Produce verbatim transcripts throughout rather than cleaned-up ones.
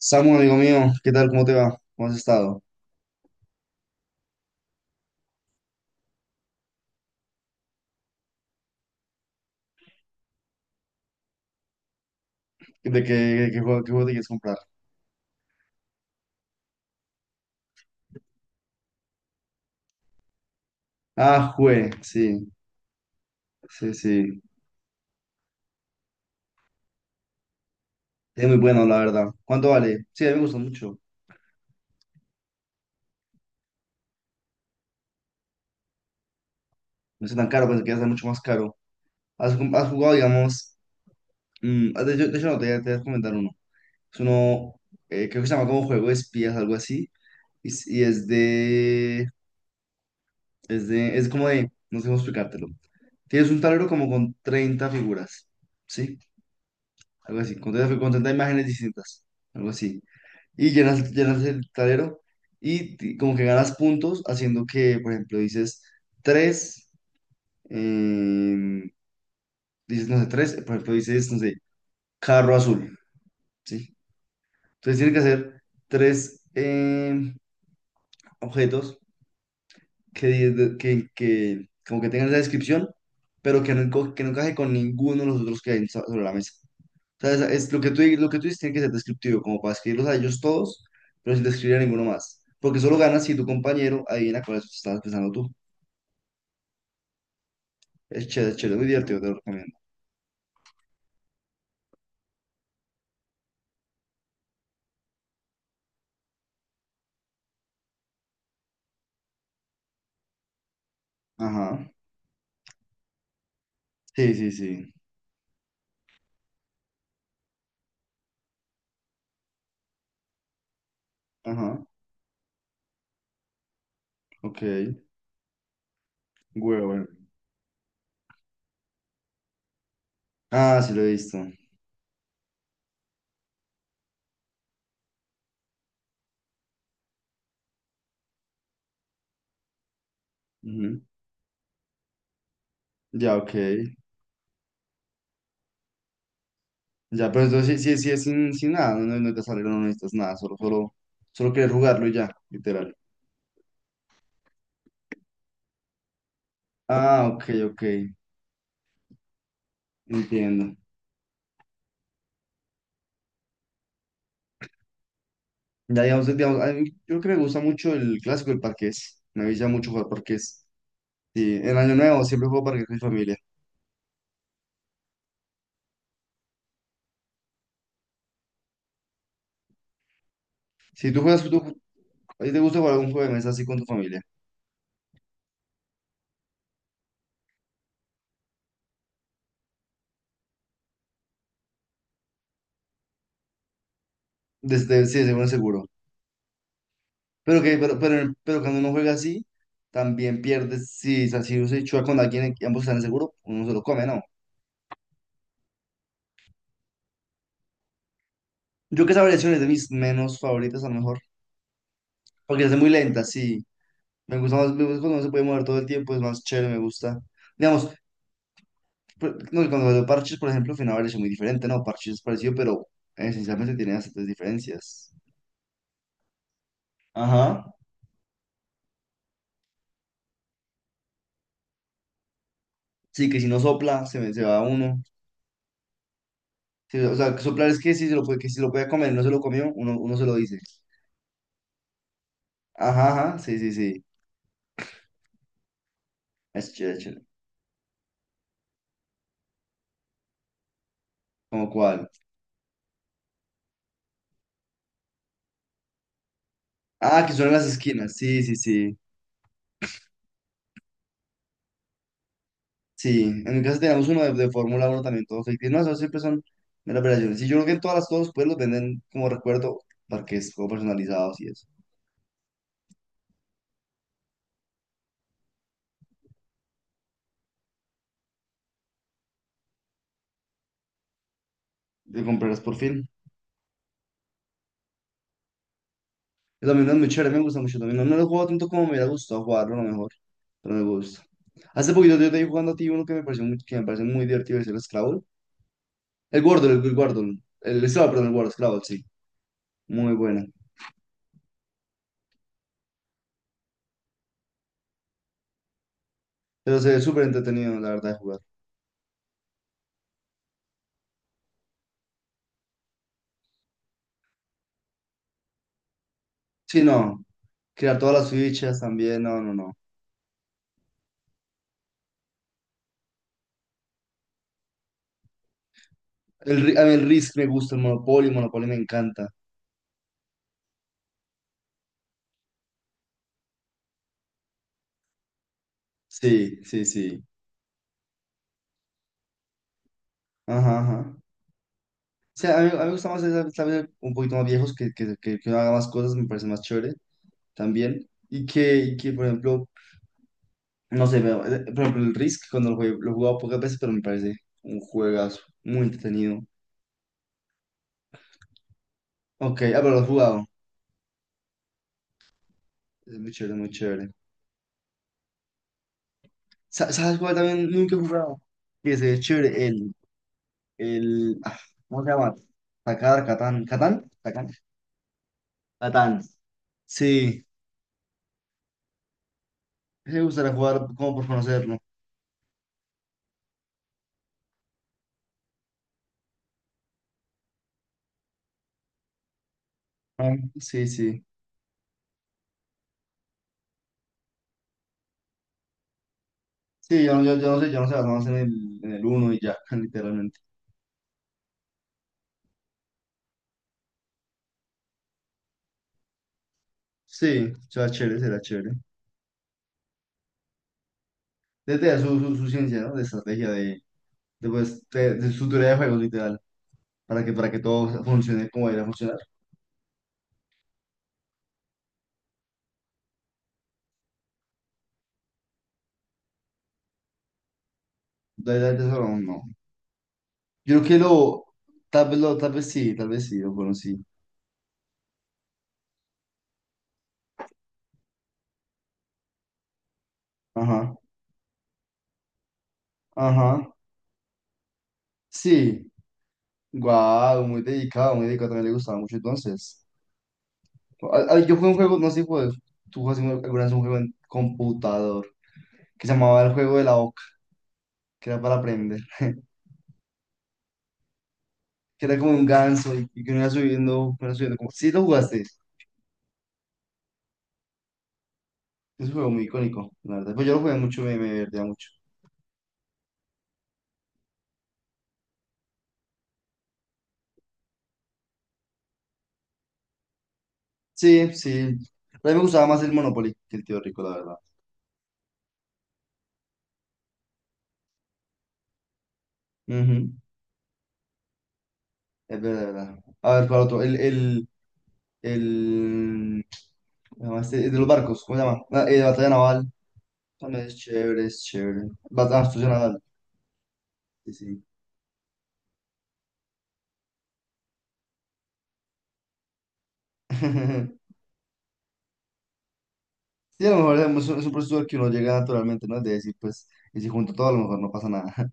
Samu, amigo mío, ¿qué tal? ¿Cómo te va? ¿Cómo has estado? ¿De qué, qué juego, ¿qué juego te quieres comprar? Ah, jue, sí, sí, sí. Es muy bueno, la verdad. ¿Cuánto vale? Sí, a mí me gusta mucho. No es tan caro, pensé que iba a ser mucho más caro. ¿Has, jug- has jugado, digamos? Mm, ah, de hecho, de hecho no, te, te voy a comentar uno. Es uno, eh, creo que se llama como juego de espías, algo así. Y, es y es de, es de, es como de, no sé cómo explicártelo. Tienes un tablero como con treinta figuras, ¿sí? Algo así, con treinta fi- con treinta imágenes distintas, algo así. Y llenas, llenas el tablero y ti- como que ganas puntos haciendo que, por ejemplo, dices tres, em, dices, no sé, tres, por ejemplo, dices, no sé, carro azul, ¿sí? Entonces tienes que hacer tres em, objetos que, di- que, que como que tengan esa descripción, pero que no, enco- que no encaje con ninguno de los otros que hay so- sobre la mesa. Sea, es, es lo que tú, lo que tú dices tiene que ser descriptivo, como para escribirlos a ellos todos, pero sin describir a ninguno más. Porque solo ganas si tu compañero adivina cuál es estabas pensando tú. Es chévere, es chévere, muy divertido, te lo recomiendo. Ajá. Sí, sí, sí. Ajá. Ok. Huevo. Ah, sí, lo he visto. Ujú. Ya, ok. Ya, pero entonces sí, sí, sí es sin, sin nada, no, no, no te sale, no necesitas nada, solo, solo, solo quieres jugarlo y ya, literal. Ah, ok, ok. Entiendo. Ya, digamos, digamos, a mí, yo creo que me gusta mucho el clásico, el parqués. Me gusta mucho jugar parqués. Sí, en Año Nuevo siempre juego parqués con mi familia. Si tú juegas, tú, a ti te gusta jugar algún juego de mesa así con tu familia. Desde, sí, seguro, seguro. Pero, que, pero, pero, pero cuando uno juega así, también pierdes. Si, o sea, si uno se chuda con alguien y ambos están en seguro, uno se lo come, ¿no? Yo creo que esa variación es de mis menos favoritas, a lo mejor. Porque es muy lenta, sí. Me gusta más, me gusta cuando uno se puede mover todo el tiempo, es más chévere, me gusta. Digamos, pues, no, y cuando veo Parches, por ejemplo, fue es muy diferente, ¿no? Parches es parecido, pero esencialmente tiene bastantes diferencias. Ajá. Sí, que si no sopla, se, me- se va uno. Sí, o sea, que soplar es que si se lo puede, que si lo puede comer, no se lo comió, uno, uno se lo dice. Ajá, ajá, sí, sí, sí. Es chévere, chévere. ¿Cómo cuál? Ah, que suenan las esquinas. Sí, sí, sí. Sí, en mi casa tenemos uno de, de Fórmula uno también, todos ficticios. No, eso siempre son meras operaciones. Sí, yo creo que en todas las, todos los pueblos venden como recuerdo parques como personalizados y eso. Yo comprarás por fin. El dominó es muy chévere, me gusta mucho el dominó. No lo juego tanto como me hubiera gustado jugarlo, a lo mejor, pero me gusta. Hace poquito yo te vi jugando a ti uno que me pareció muy, que me parece muy divertido, es el Scrabble. El Wordle, el, el Wordle. El Scrabble, perdón, el Wordle, Scrabble, sí. Muy bueno. Pero se ve súper entretenido, la verdad, de jugar. Sí, no. Crear todas las fichas también, no, no, no. El, Ri- a mí el Risk me gusta, el Monopoly, Monopoly me encanta. Sí, sí, sí. Ajá, ajá. O sea, a mí, a mí me gusta más, esa, tal vez, un poquito más viejos, que, que, que, que uno haga más cosas, me parece más chévere. También. Y que, y que, por ejemplo, no sé, me- eh, por ejemplo, el Risk, cuando lo jugué, lo he jugado pocas veces, pero me parece un juegazo, muy entretenido. Ok, ah, pero lo he jugado. Es muy chévere, muy chévere. Sa- ¿Sabes cuál también nunca he jugado? Que se ve chévere, el, el, ah, ¿cómo se llama? Takar, Catán, Catán, Catán, Catán. Sí, me gustaría jugar como por conocerlo. Ah, sí, sí. Sí, yo, no- yo, yo no sé, yo no sé, basado en el, en el uno y ya, literalmente. Sí, será chévere, será chévere. Desde ya su, su, su ciencia, ¿no? De estrategia, de, de, pues, de, de su teoría de juegos, literal, para que, para que todo funcione como debería funcionar. Entonces, de eso no. No. Yo creo que lo, tal vez lo, tal vez sí, tal vez sí, lo conocí. Ajá, ajá, sí. Guau, muy dedicado, muy dedicado, también le gustaba mucho entonces. Ah, ah, yo jugué un juego, no sé si jugué- tú jugaste alguna vez un juego en computador, que se llamaba el juego de la oca, que era para aprender, que era como un ganso y, y que uno iba subiendo, uno iba subiendo como... Sí, lo jugaste. Es un juego muy icónico, la verdad. Pues yo lo jugué mucho, me, me divertía mucho. Sí, sí. A mí me gustaba más el Monopoly que el Tío Rico, la verdad. Ujú. Es verdad, es verdad. A ver, para otro. El, el, el... ¿cómo se llama este? El de los barcos, ¿cómo se llama? La, eh, Batalla Naval. También es chévere, es chévere. Batalla Astucia Naval. Sí, sí. Sí, a lo mejor es un, es un proceso al que uno llega naturalmente, ¿no? De decir, pues, y si junto todo, a lo mejor no pasa nada.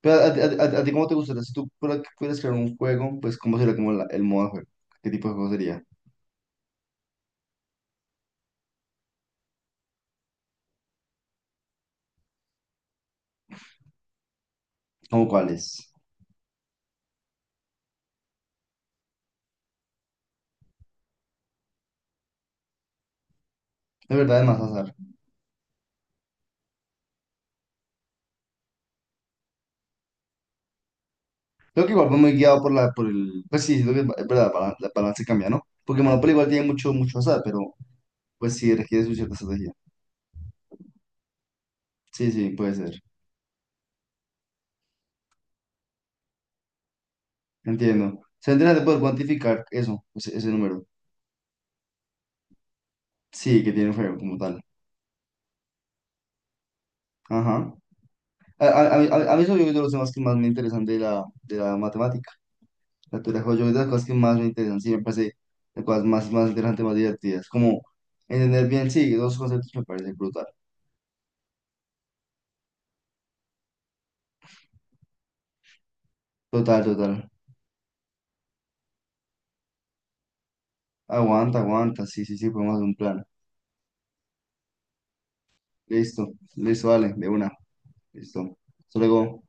Pero a ti, a ti- a ti cómo te gustaría, si tú pudieras pudieras crear un juego, pues cómo sería como la- el modo de juego, qué tipo de juego sería, cómo cuál es. De verdad es más azar. Creo que igual va muy guiado por la, por el, pues sí, siento que es verdad, para- la balance cambia, ¿no? Porque Monopoly igual tiene mucho, mucho azar, pero pues sí requiere su cierta estrategia. Sí, sí, puede ser. Entiendo. Se entiende de poder cuantificar eso, ese, ese número. Sí, que tiene un juego como tal. Ajá. A, a, a, mí, a mí a mí eso yo creo que es lo más que más me interesan de la, de la matemática. Captura joya yo de las cosas que más me interesan, sí, me parece las cosas más, más interesantes, más divertidas. Como entender bien, sí, dos conceptos me parece brutal. Total, total. Aguanta, aguanta, sí, sí, sí, podemos hacer un plan. Listo, listo, vale, de una. Listo. Hasta luego.